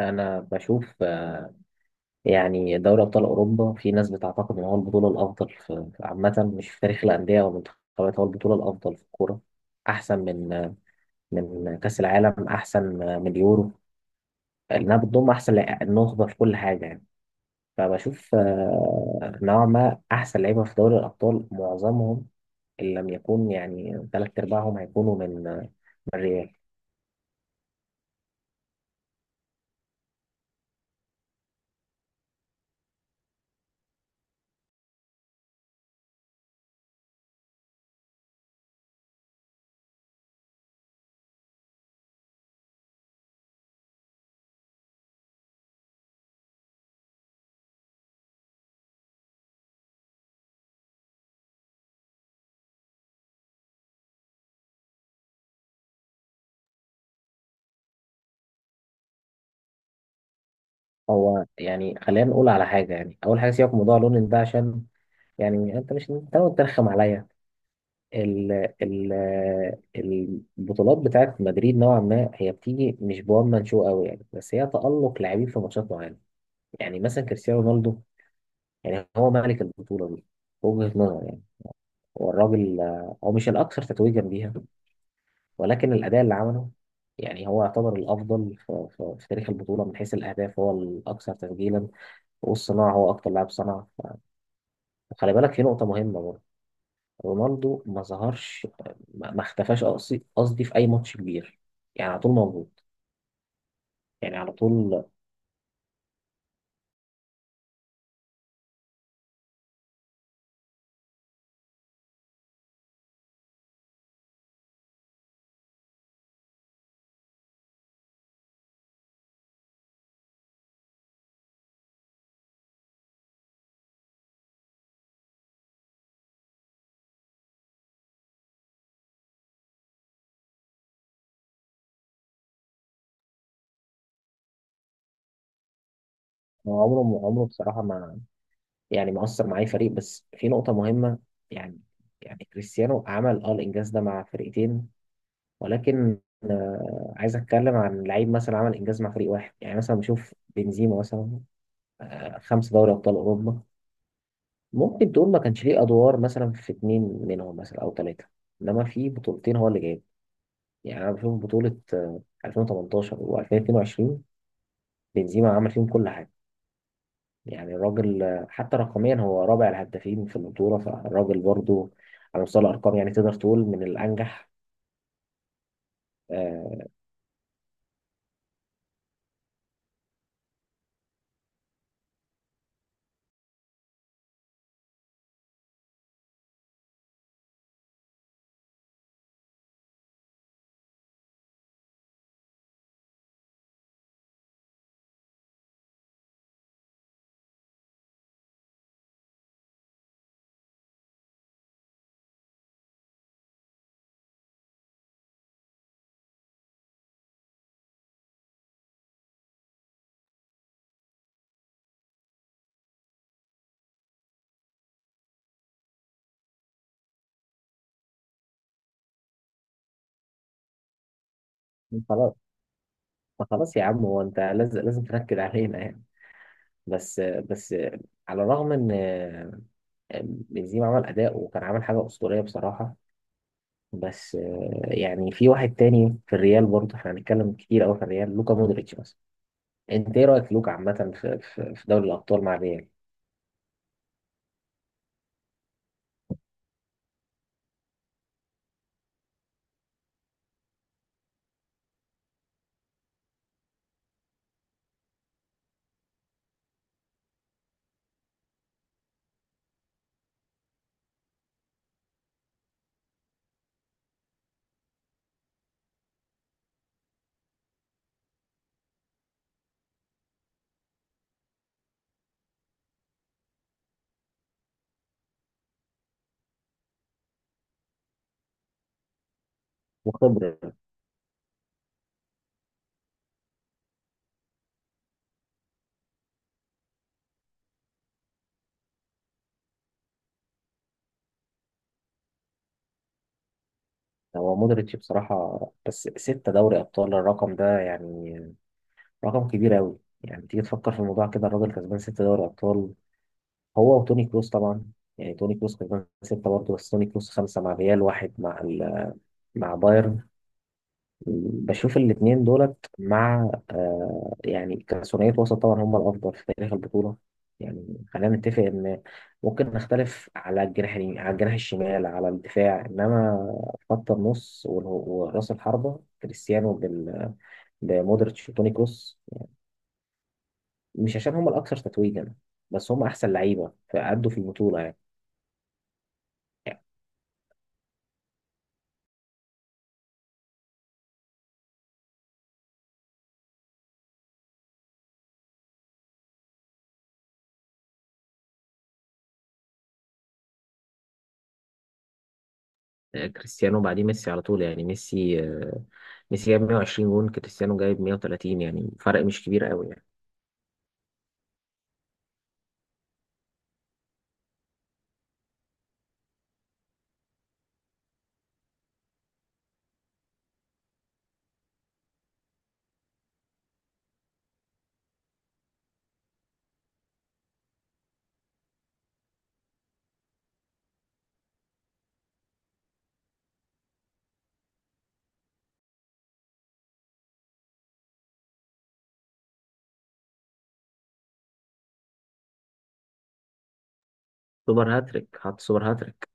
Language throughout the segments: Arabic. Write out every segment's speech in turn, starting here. انا بشوف، يعني دوري ابطال اوروبا في ناس بتعتقد ان هو البطوله الافضل عامه، مش في تاريخ الانديه والمنتخبات هو البطوله الافضل في الكوره، احسن من، من كاس العالم، احسن من اليورو، لانها بتضم احسن النخبه في كل حاجه يعني. فبشوف نوعا ما احسن لعيبه في دوري الابطال معظمهم، ان لم يكون يعني ثلاث ارباعهم هيكونوا من، من الريال. هو يعني خلينا نقول على حاجه، يعني اول حاجه سيبك من موضوع لونين ده، عشان يعني انت مش تقعد ترخم عليا. ال ال البطولات بتاعت مدريد نوعا ما هي بتيجي مش بوان مان شو قوي يعني، بس هي تألق لاعبين في ماتشات معينه. يعني مثلا كريستيانو رونالدو، يعني هو ملك البطوله دي، في وجهه نظر يعني. هو الراجل، هو مش الاكثر تتويجا بيها، ولكن الاداء اللي عمله يعني هو يعتبر الافضل في تاريخ البطوله، من حيث الاهداف هو الاكثر تسجيلا، والصناعه هو اكتر لاعب صنع. وخلي بالك في نقطه مهمه، رونالدو ما ظهرش، ما اختفاش قصدي، في اي ماتش كبير، يعني على طول موجود، يعني على طول. هو عمره بصراحه ما، يعني ما اثر مع اي فريق، بس في نقطه مهمه يعني يعني كريستيانو عمل اه الانجاز ده مع فرقتين، ولكن آه، عايز اتكلم عن لعيب مثلا عمل انجاز مع فريق واحد. يعني مثلا بشوف بنزيما مثلا، آه خمس دوري ابطال اوروبا، ممكن تقول ما كانش ليه ادوار مثلا في اتنين منهم مثلا او ثلاثه، انما في بطولتين هو اللي جايبهم. يعني أنا بشوف بطولة 2018 و2022 بنزيما عمل فيهم كل حاجة. يعني الراجل، آه، حتى رقميا هو رابع الهدافين في البطولة، فالراجل برضو على مستوى الأرقام يعني تقدر تقول من الأنجح. آه، خلاص، ما خلاص يا عم، هو أنت لازم لازم تنكد علينا يعني؟ بس، على الرغم إن، آه، بنزيما عمل أداء وكان عامل حاجة أسطورية بصراحة. بس، آه، يعني في واحد تاني في الريال برضه، احنا هنتكلم كتير أوي في الريال، لوكا مودريتش مثلا. انت ايه رايك في لوكا عامه في دوري الابطال مع ريال؟ وخبره. هو مودريتش بصراحه، بس ستة دوري ابطال الرقم ده يعني رقم كبير قوي، يعني تيجي تفكر في الموضوع كده الراجل كسبان ستة دوري ابطال، هو وتوني كروس طبعا. يعني توني كروس كسبان ستة برضه، بس توني كروس خمسة مع ريال واحد مع ال... مع بايرن. بشوف الاتنين دولت مع، آه، يعني كثنائية وسط طبعا هم الأفضل في تاريخ البطولة. يعني خلينا نتفق إن ممكن نختلف على الجناح اليمين، على الجناح الشمال، على الدفاع، إنما خط النص ورأس الحربة كريستيانو بمودريتش وتوني كروس، مش عشان هم الأكثر تتويجا، بس هم أحسن لعيبة فأدوا في البطولة يعني. آه، كريستيانو بعديه ميسي على طول. يعني ميسي، آه، ميسي جايب 120 جون، كريستيانو جايب 130، يعني فرق مش كبير قوي يعني. سوبر هاتريك، حط سوبر هاتريك.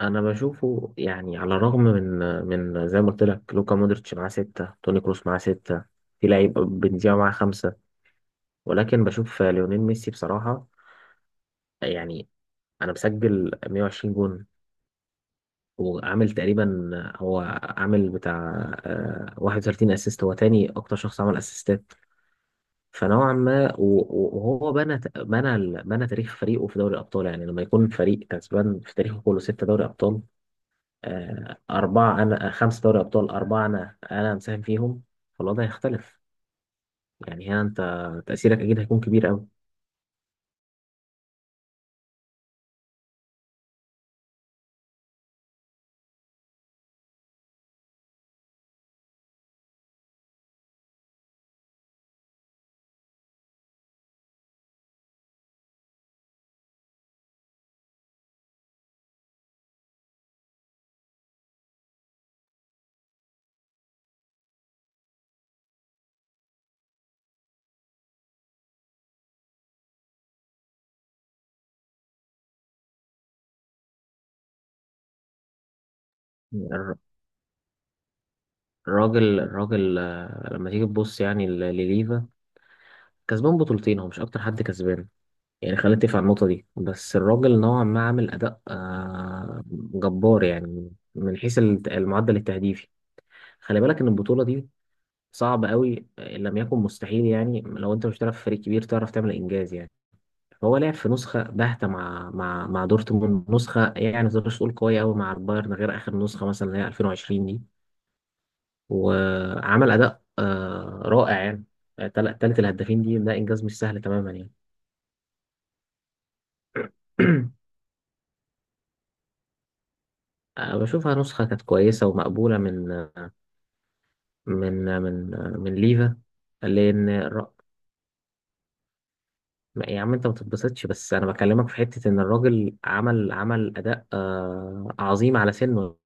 انا بشوفه، يعني على الرغم من، من زي ما قلت لك لوكا مودريتش معاه ستة، توني كروس معاه ستة، في لعيب بنزيما معاه خمسة، ولكن بشوف ليونيل ميسي بصراحة، يعني انا مسجل 120 جون، وعامل تقريبا هو عامل بتاع، آه، 31 اسيست، هو تاني اكتر شخص عمل اسيستات. فنوعا ما وهو بنى تاريخ فريقه في دوري الابطال، يعني لما يكون فريق كسبان في تاريخه كله ستة دوري ابطال، آه، أربعة، أنا آه، خمس دوري أبطال أربعة، أنا مساهم فيهم، فالوضع هيختلف. يعني هنا أنت تأثيرك أكيد هيكون كبير أوي. الر- الراجل الراجل آه، لما تيجي تبص يعني لليفا، كسبان بطولتين، هو مش أكتر حد كسبان، يعني خلينا نتفق على النقطة دي. بس الراجل نوعا ما عامل أداء، آه، جبار، يعني من حيث المعدل التهديفي. خلي بالك إن البطولة دي صعب أوي، آه، إن لم يكن مستحيل يعني، لو أنت مش بتلعب في فريق كبير تعرف تعمل إنجاز يعني. هو لعب في نسخة باهتة مع مع دورتموند، نسخة يعني ما تقدرش تقول قوية أوي مع البايرن غير آخر نسخة مثلا اللي هي 2020 دي، وعمل أداء، آه، رائع يعني. تالت الهدافين دي ده إنجاز مش سهل تماما يعني. آه، بشوفها نسخة كانت كويسة ومقبولة من، آه، من ليفا، لأن يا عم أنت ما تتبسطش، بس أنا بكلمك في حتة إن الراجل عمل أداء، آه، عظيم على سنه.